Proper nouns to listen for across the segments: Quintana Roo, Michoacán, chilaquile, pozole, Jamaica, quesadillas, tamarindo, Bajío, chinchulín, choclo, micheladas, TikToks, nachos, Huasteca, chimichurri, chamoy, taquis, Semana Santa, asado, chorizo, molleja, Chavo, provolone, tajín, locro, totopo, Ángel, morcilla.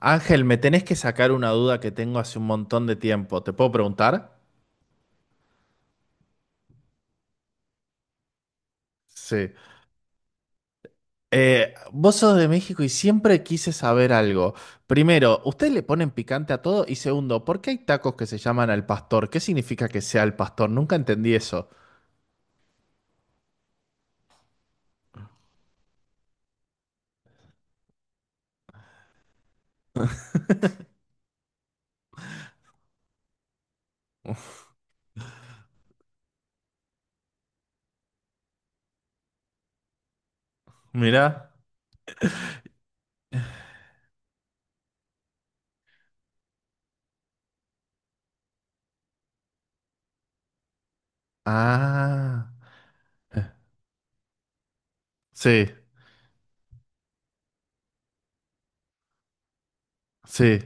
Ángel, me tenés que sacar una duda que tengo hace un montón de tiempo. ¿Te puedo preguntar? Sí. Vos sos de México y siempre quise saber algo. Primero, ¿ustedes le ponen picante a todo? Y segundo, ¿por qué hay tacos que se llaman al pastor? ¿Qué significa que sea al pastor? Nunca entendí eso. Mirá. Ah. Eh, Sí, sí,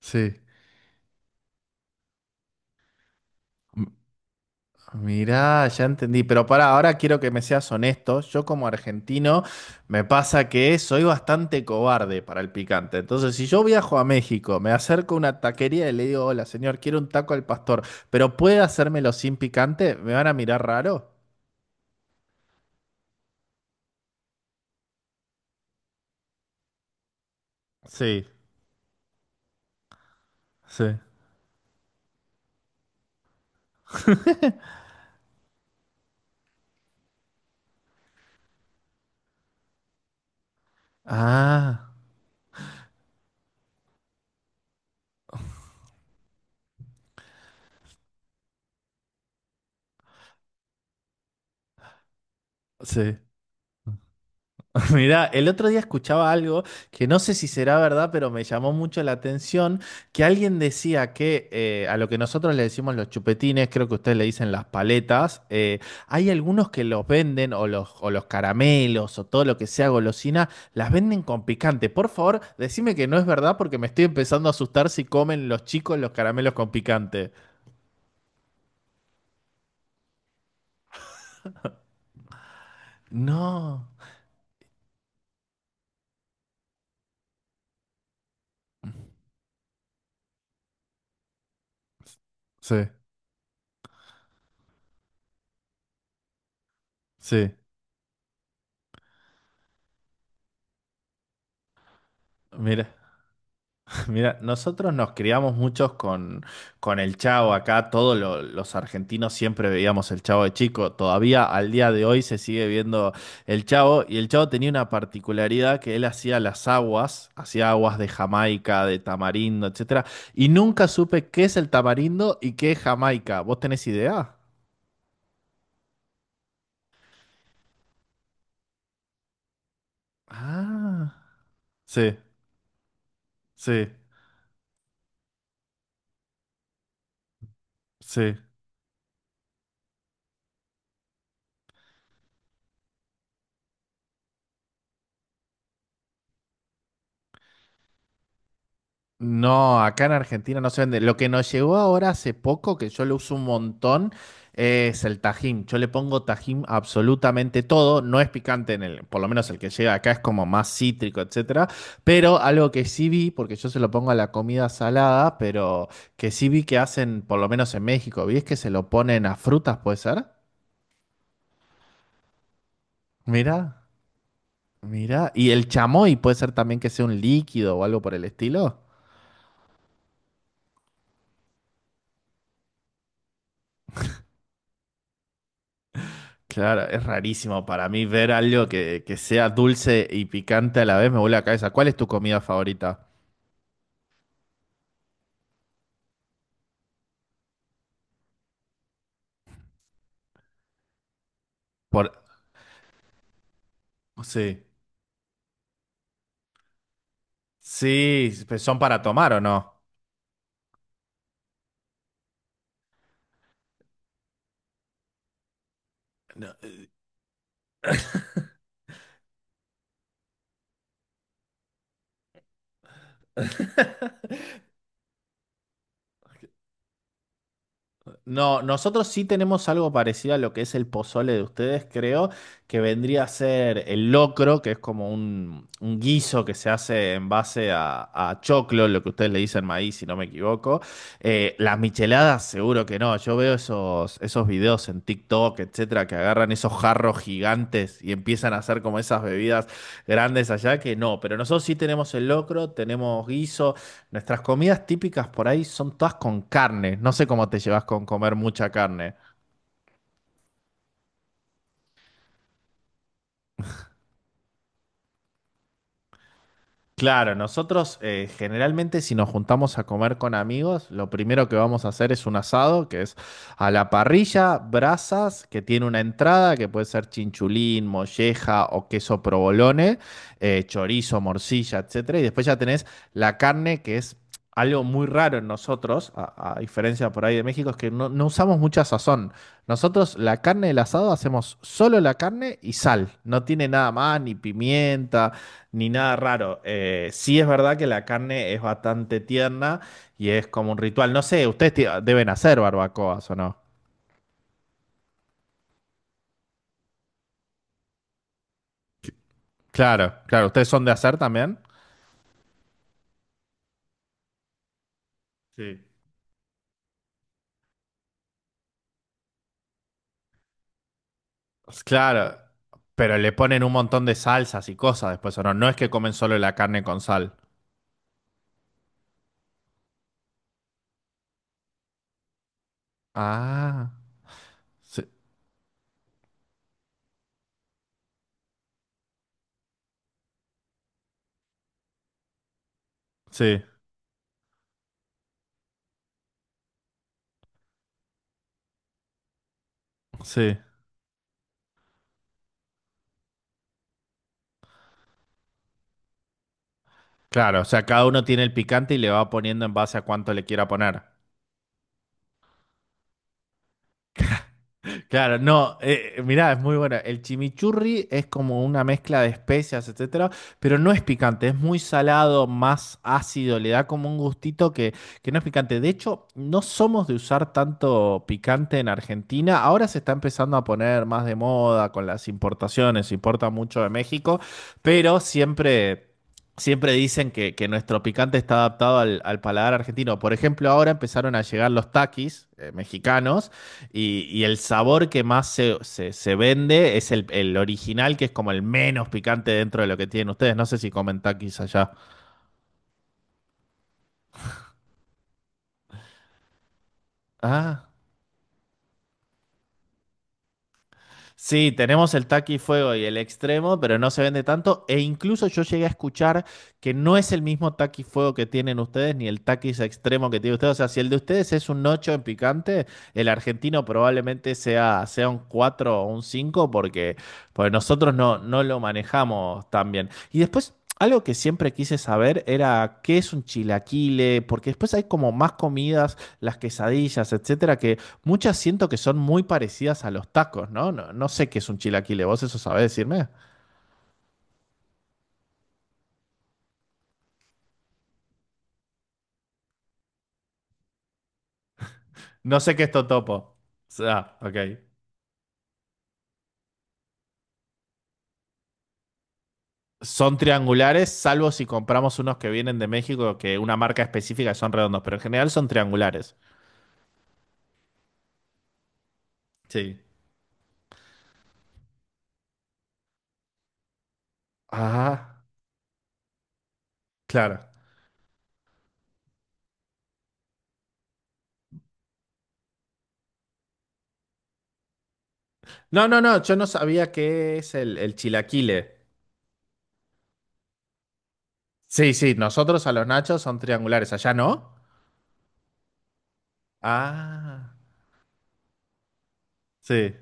sí. Mirá, ya entendí, pero para ahora quiero que me seas honesto. Yo como argentino me pasa que soy bastante cobarde para el picante. Entonces, si yo viajo a México, me acerco a una taquería y le digo, hola señor, quiero un taco al pastor, pero ¿puede hacérmelo sin picante? ¿Me van a mirar raro? Sí, sí. Ah, sí. Mira, el otro día escuchaba algo que no sé si será verdad, pero me llamó mucho la atención, que alguien decía que a lo que nosotros le decimos los chupetines, creo que ustedes le dicen las paletas, hay algunos que los venden o los caramelos o todo lo que sea golosina, las venden con picante. Por favor, decime que no es verdad porque me estoy empezando a asustar si comen los chicos los caramelos con picante. No. Sí, sí, mira. Mira, nosotros nos criamos muchos con el Chavo acá, todos los argentinos siempre veíamos el Chavo de chico, todavía al día de hoy se sigue viendo el Chavo y el Chavo tenía una particularidad que él hacía las aguas, hacía aguas de Jamaica, de tamarindo, etcétera, y nunca supe qué es el tamarindo y qué es Jamaica. ¿Vos tenés idea? Ah, sí, sí, sí. No, acá en Argentina no se vende. Lo que nos llegó ahora hace poco, que yo lo uso un montón, es el tajín. Yo le pongo tajín a absolutamente todo. No es picante en el, por lo menos el que llega acá es como más cítrico, etcétera. Pero algo que sí vi, porque yo se lo pongo a la comida salada, pero que sí vi que hacen, por lo menos en México, vi es que se lo ponen a frutas, ¿puede ser? Mira, mira. Y el chamoy puede ser también que sea un líquido o algo por el estilo. Claro, es rarísimo para mí ver algo que sea dulce y picante a la vez, me vuelve la cabeza. ¿Cuál es tu comida favorita? Por... Sí. Sí, ¿pero son para tomar o no? No. No, nosotros sí tenemos algo parecido a lo que es el pozole de ustedes, creo, que vendría a ser el locro, que es como un guiso que se hace en base a choclo, lo que ustedes le dicen maíz, si no me equivoco. Las micheladas, seguro que no. Yo veo esos videos en TikTok, etcétera, que agarran esos jarros gigantes y empiezan a hacer como esas bebidas grandes allá, que no. Pero nosotros sí tenemos el locro, tenemos guisos. Nuestras comidas típicas por ahí son todas con carne. No sé cómo te llevas con comer mucha carne. Claro, nosotros generalmente si nos juntamos a comer con amigos, lo primero que vamos a hacer es un asado, que es a la parrilla, brasas, que tiene una entrada, que puede ser chinchulín, molleja o queso provolone, chorizo, morcilla, etcétera. Y después ya tenés la carne, que es algo muy raro en nosotros, a diferencia por ahí de México, es que no, no usamos mucha sazón. Nosotros la carne del asado hacemos solo la carne y sal, no tiene nada más, ni pimienta. Ni nada raro. Sí es verdad que la carne es bastante tierna y es como un ritual. No sé, ustedes deben hacer barbacoas o no. Claro, claro. ¿Ustedes son de hacer también? Sí. Claro, pero le ponen un montón de salsas y cosas después, ¿o no? No es que comen solo la carne con sal. Ah, sí, sí, sí. Claro, o sea, cada uno tiene el picante y le va poniendo en base a cuánto le quiera poner. Claro, no, mirá, es muy buena. El chimichurri es como una mezcla de especias, etcétera, pero no es picante, es muy salado, más ácido, le da como un gustito que no es picante. De hecho, no somos de usar tanto picante en Argentina. Ahora se está empezando a poner más de moda con las importaciones, se importa mucho de México, pero siempre. Siempre dicen que nuestro picante está adaptado al paladar argentino. Por ejemplo, ahora empezaron a llegar los taquis mexicanos y el sabor que más se vende es el original, que es como el menos picante dentro de lo que tienen ustedes. No sé si comentan quizás allá. Ah. Sí, tenemos el taqui fuego y el extremo, pero no se vende tanto. E incluso yo llegué a escuchar que no es el mismo taqui fuego que tienen ustedes, ni el taquis extremo que tiene ustedes. O sea, si el de ustedes es un 8 en picante, el argentino probablemente sea, sea un 4 o un 5 porque, porque nosotros no, no lo manejamos tan bien. Y después. Algo que siempre quise saber era qué es un chilaquile, porque después hay como más comidas, las quesadillas, etcétera, que muchas siento que son muy parecidas a los tacos, ¿no? No, no sé qué es un chilaquile, ¿vos eso sabés decirme? No sé qué es totopo. O sea, ok. Son triangulares, salvo si compramos unos que vienen de México, que una marca específica que son redondos, pero en general son triangulares. Sí. Ah, claro. No, no, no, yo no sabía qué es el chilaquile. Sí, sí, nosotros a los nachos son triangulares, allá no. Ah, sí,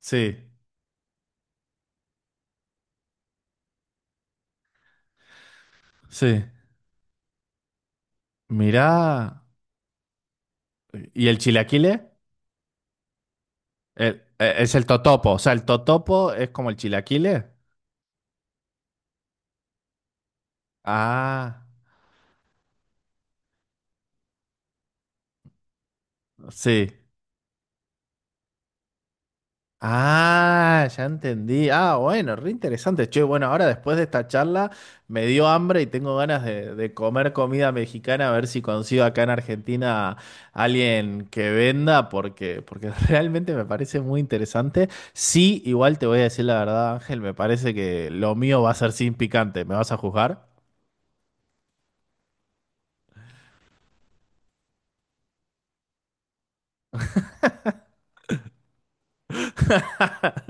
sí, sí. Mirá. ¿Y el chilaquile? Es el totopo. O sea, el totopo es como el chilaquile. Ah, sí. Ah, ya entendí. Ah, bueno, re interesante. Che, bueno, ahora después de esta charla me dio hambre y tengo ganas de comer comida mexicana, a ver si consigo acá en Argentina alguien que venda, porque, porque realmente me parece muy interesante. Sí, igual te voy a decir la verdad, Ángel, me parece que lo mío va a ser sin picante. ¿Me vas a juzgar?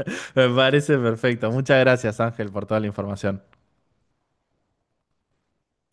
Me parece perfecto. Muchas gracias, Ángel, por toda la información.